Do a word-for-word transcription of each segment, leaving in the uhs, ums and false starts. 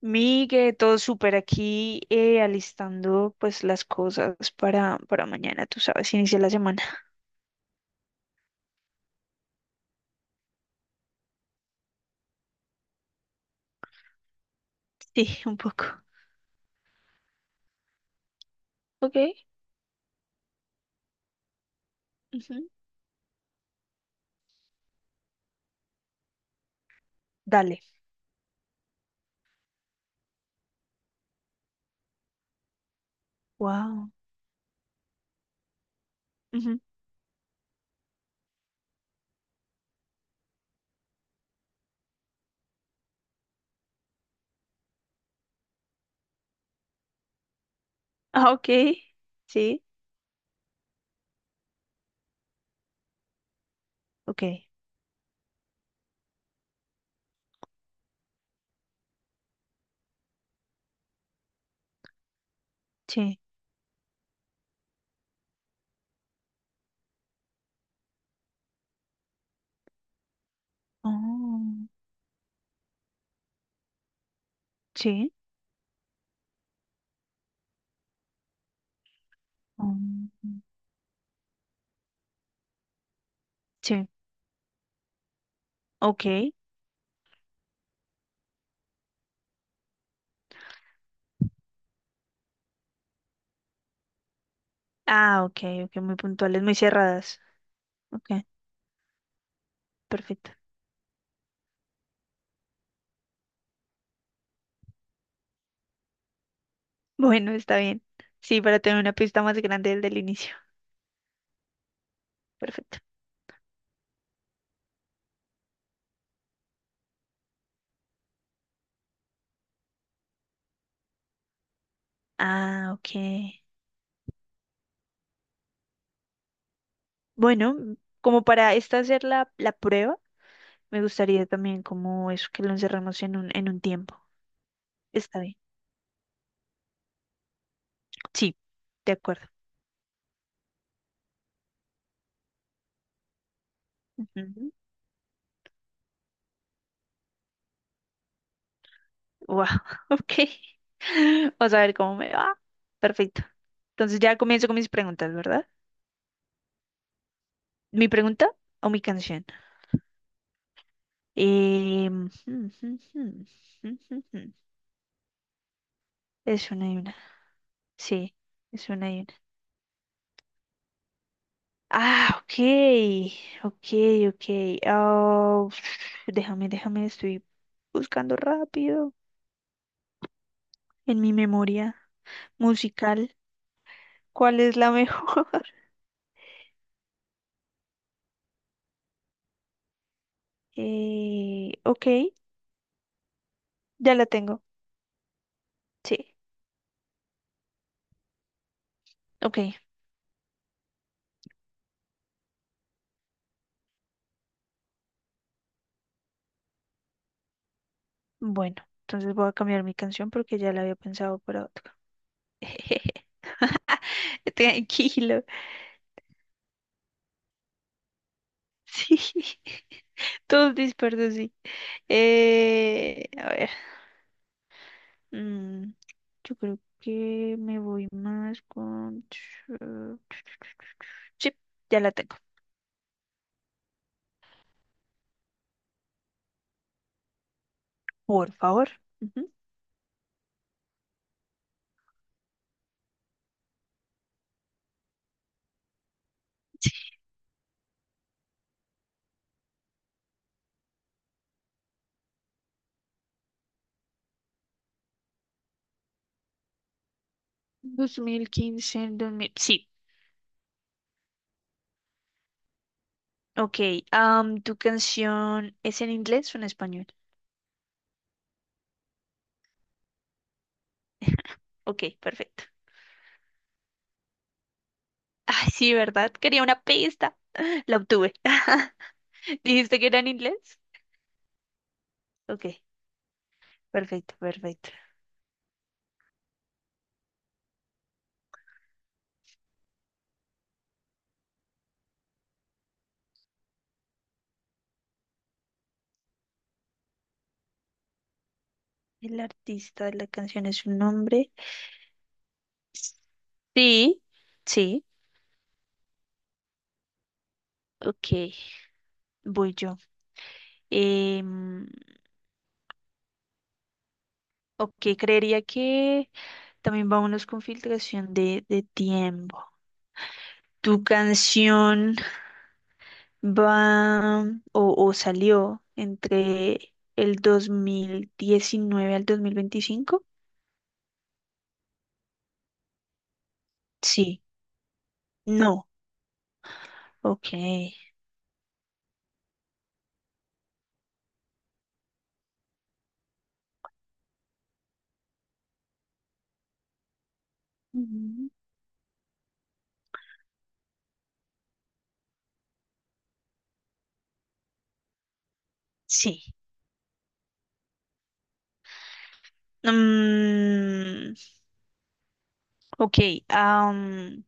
Migue, todo súper aquí, eh, alistando pues las cosas para, para mañana, tú sabes, inicia la semana. Sí, un poco. Ok, ujú. Dale. Wow. Ujú. Ah, ok. Sí. Ok. Sí. Oh, sí. Oh, sí. Ok. Ah, ok, ok, muy puntuales, muy cerradas. Ok, perfecto. Bueno, está bien. Sí, para tener una pista más grande del del inicio. Perfecto. Ah, ok. Bueno, como para esta hacer la, la prueba, me gustaría también como eso que lo encerramos en un, en un tiempo. Está bien. Sí, de acuerdo. Ujú. Wow, ok. Vamos a ver cómo me va. Perfecto. Entonces ya comienzo con mis preguntas, ¿verdad? ¿Mi pregunta o mi canción? Em, Es una y una. Sí, es una y una. Ah, ok, ok, ok. Ah, déjame, déjame, estoy buscando rápido en mi memoria musical. ¿Cuál es la mejor? Eh, ok, ya la tengo. Sí, ok. Bueno, entonces voy a cambiar mi canción porque ya la había pensado para otra. Tranquilo. Sí, todos dispersos, sí. Eh, a ver. Mm, yo creo que me voy más con... Sí, ya la tengo. Por favor. Ujú. Dos mil quince, dos mil... Sí, ok. Am, ¿tu canción es en inglés o en español? Ok, perfecto. Ay, sí, ¿verdad? Quería una pista. La obtuve. ¿Dijiste que era en inglés? Ok, perfecto, perfecto. El artista de la canción es un hombre. Sí, sí. Ok, voy yo. Em, ok, creería que también vámonos con filtración de, de tiempo. ¿Tu canción va o, o salió entre el dos mil diecinueve al dos mil veinticinco? Sí. No. Ok. Ujú. Sí. Mm, ok. am,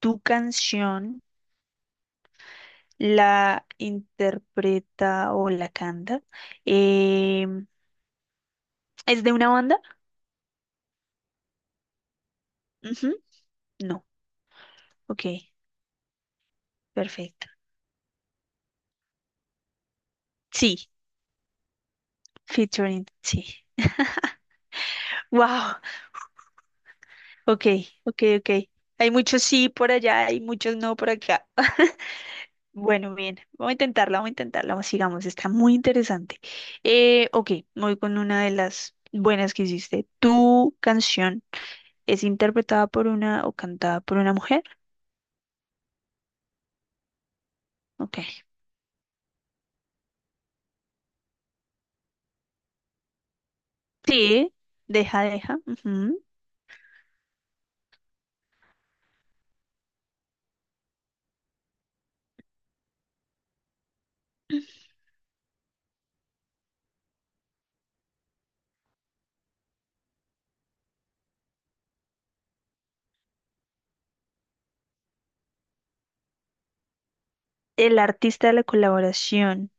¿Tu canción la interpreta o la canta? em, ¿Es de una banda? Ujú, no. Ok, perfecto. Sí, featuring, sí. Wow, ok, ok, ok. Hay muchos sí por allá, hay muchos no por acá. Bueno, bien, vamos a intentarla, vamos a intentarla, sigamos, está muy interesante. Eh, ok, me voy con una de las buenas que hiciste. ¿Tu canción es interpretada por una o cantada por una mujer? Ok. Sí, deja, deja. Ujú. El artista de la colaboración.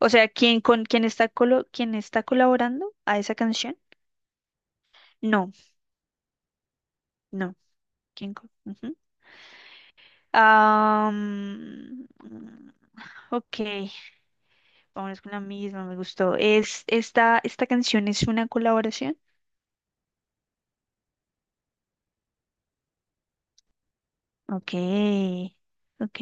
O sea, ¿quién con quién está colo- quién está colaborando a esa canción? No, no. ¿Quién co- ujú. Ah, mm, ok, vámonos con la misma, me gustó. ¿Es esta, ¿esta canción es una colaboración? Ok, ok.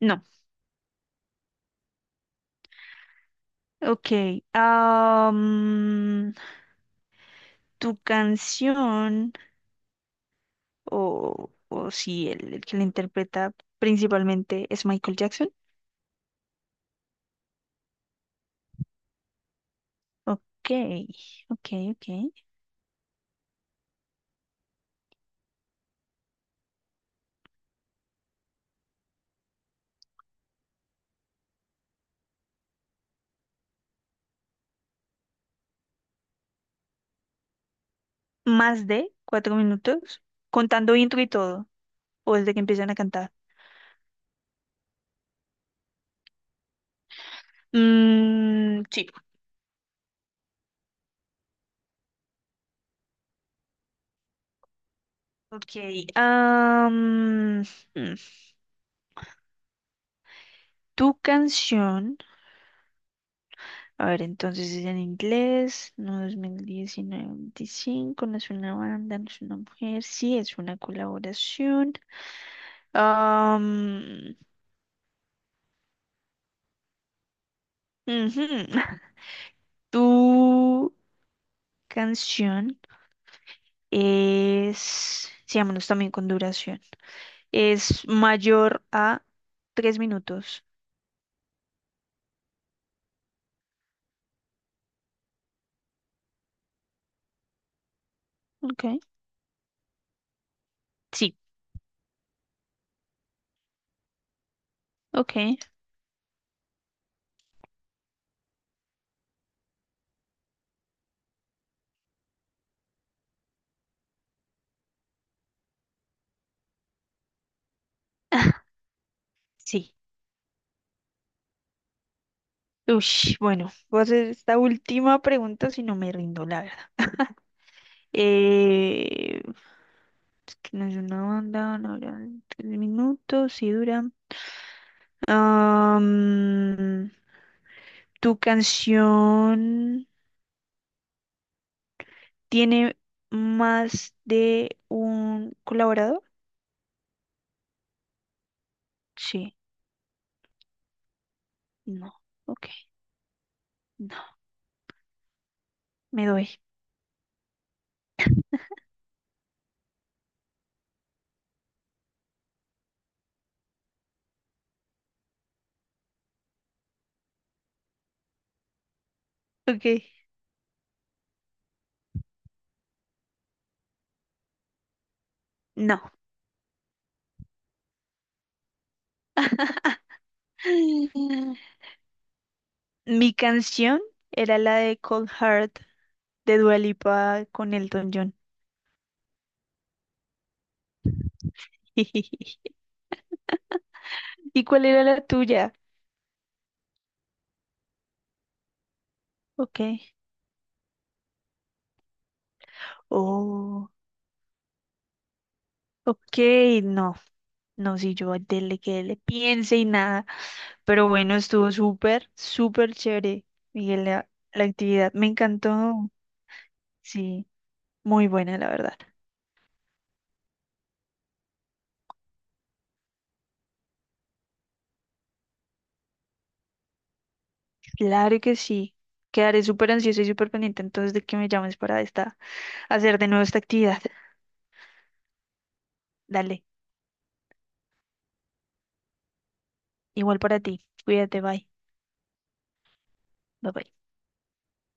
No, ok. Ah, mm, tu canción, o, o si el, el que la interpreta principalmente es Michael Jackson. Ok, ok, ok. Más de cuatro minutos, contando intro y todo, o desde que empiezan a cantar. Mm, sí, ok. am, mm, Tu canción, a ver, entonces es en inglés, no dos mil diecinueve, veinticinco, no es una banda, no es una mujer, sí, es una colaboración. Am, ujú. Tu canción es, sí, vámonos también con duración. Es mayor a tres minutos. Ok, sí, ok. Sí. Ush, bueno, voy a hacer esta última pregunta si no me rindo, la verdad. Eh, es que no es una banda, no dura tres minutos, sí dura. Am, ¿tu canción tiene más de un colaborador? Sí, no, ok, no, me doy. Ok, no. Mi canción era la de Cold Heart de Dua Lipa con Elton John. ¿Y cuál era la tuya? Ok. Oh, ok, no. No, si yo dele que le piense y nada. Pero bueno, estuvo súper, súper chévere, Miguel, la, la actividad. Me encantó. Sí, muy buena, la verdad. Claro que sí. Quedaré súper ansiosa y súper pendiente entonces de que me llames para esta, hacer de nuevo esta actividad. Dale. Igual para ti. Cuídate, bye. Bye bye.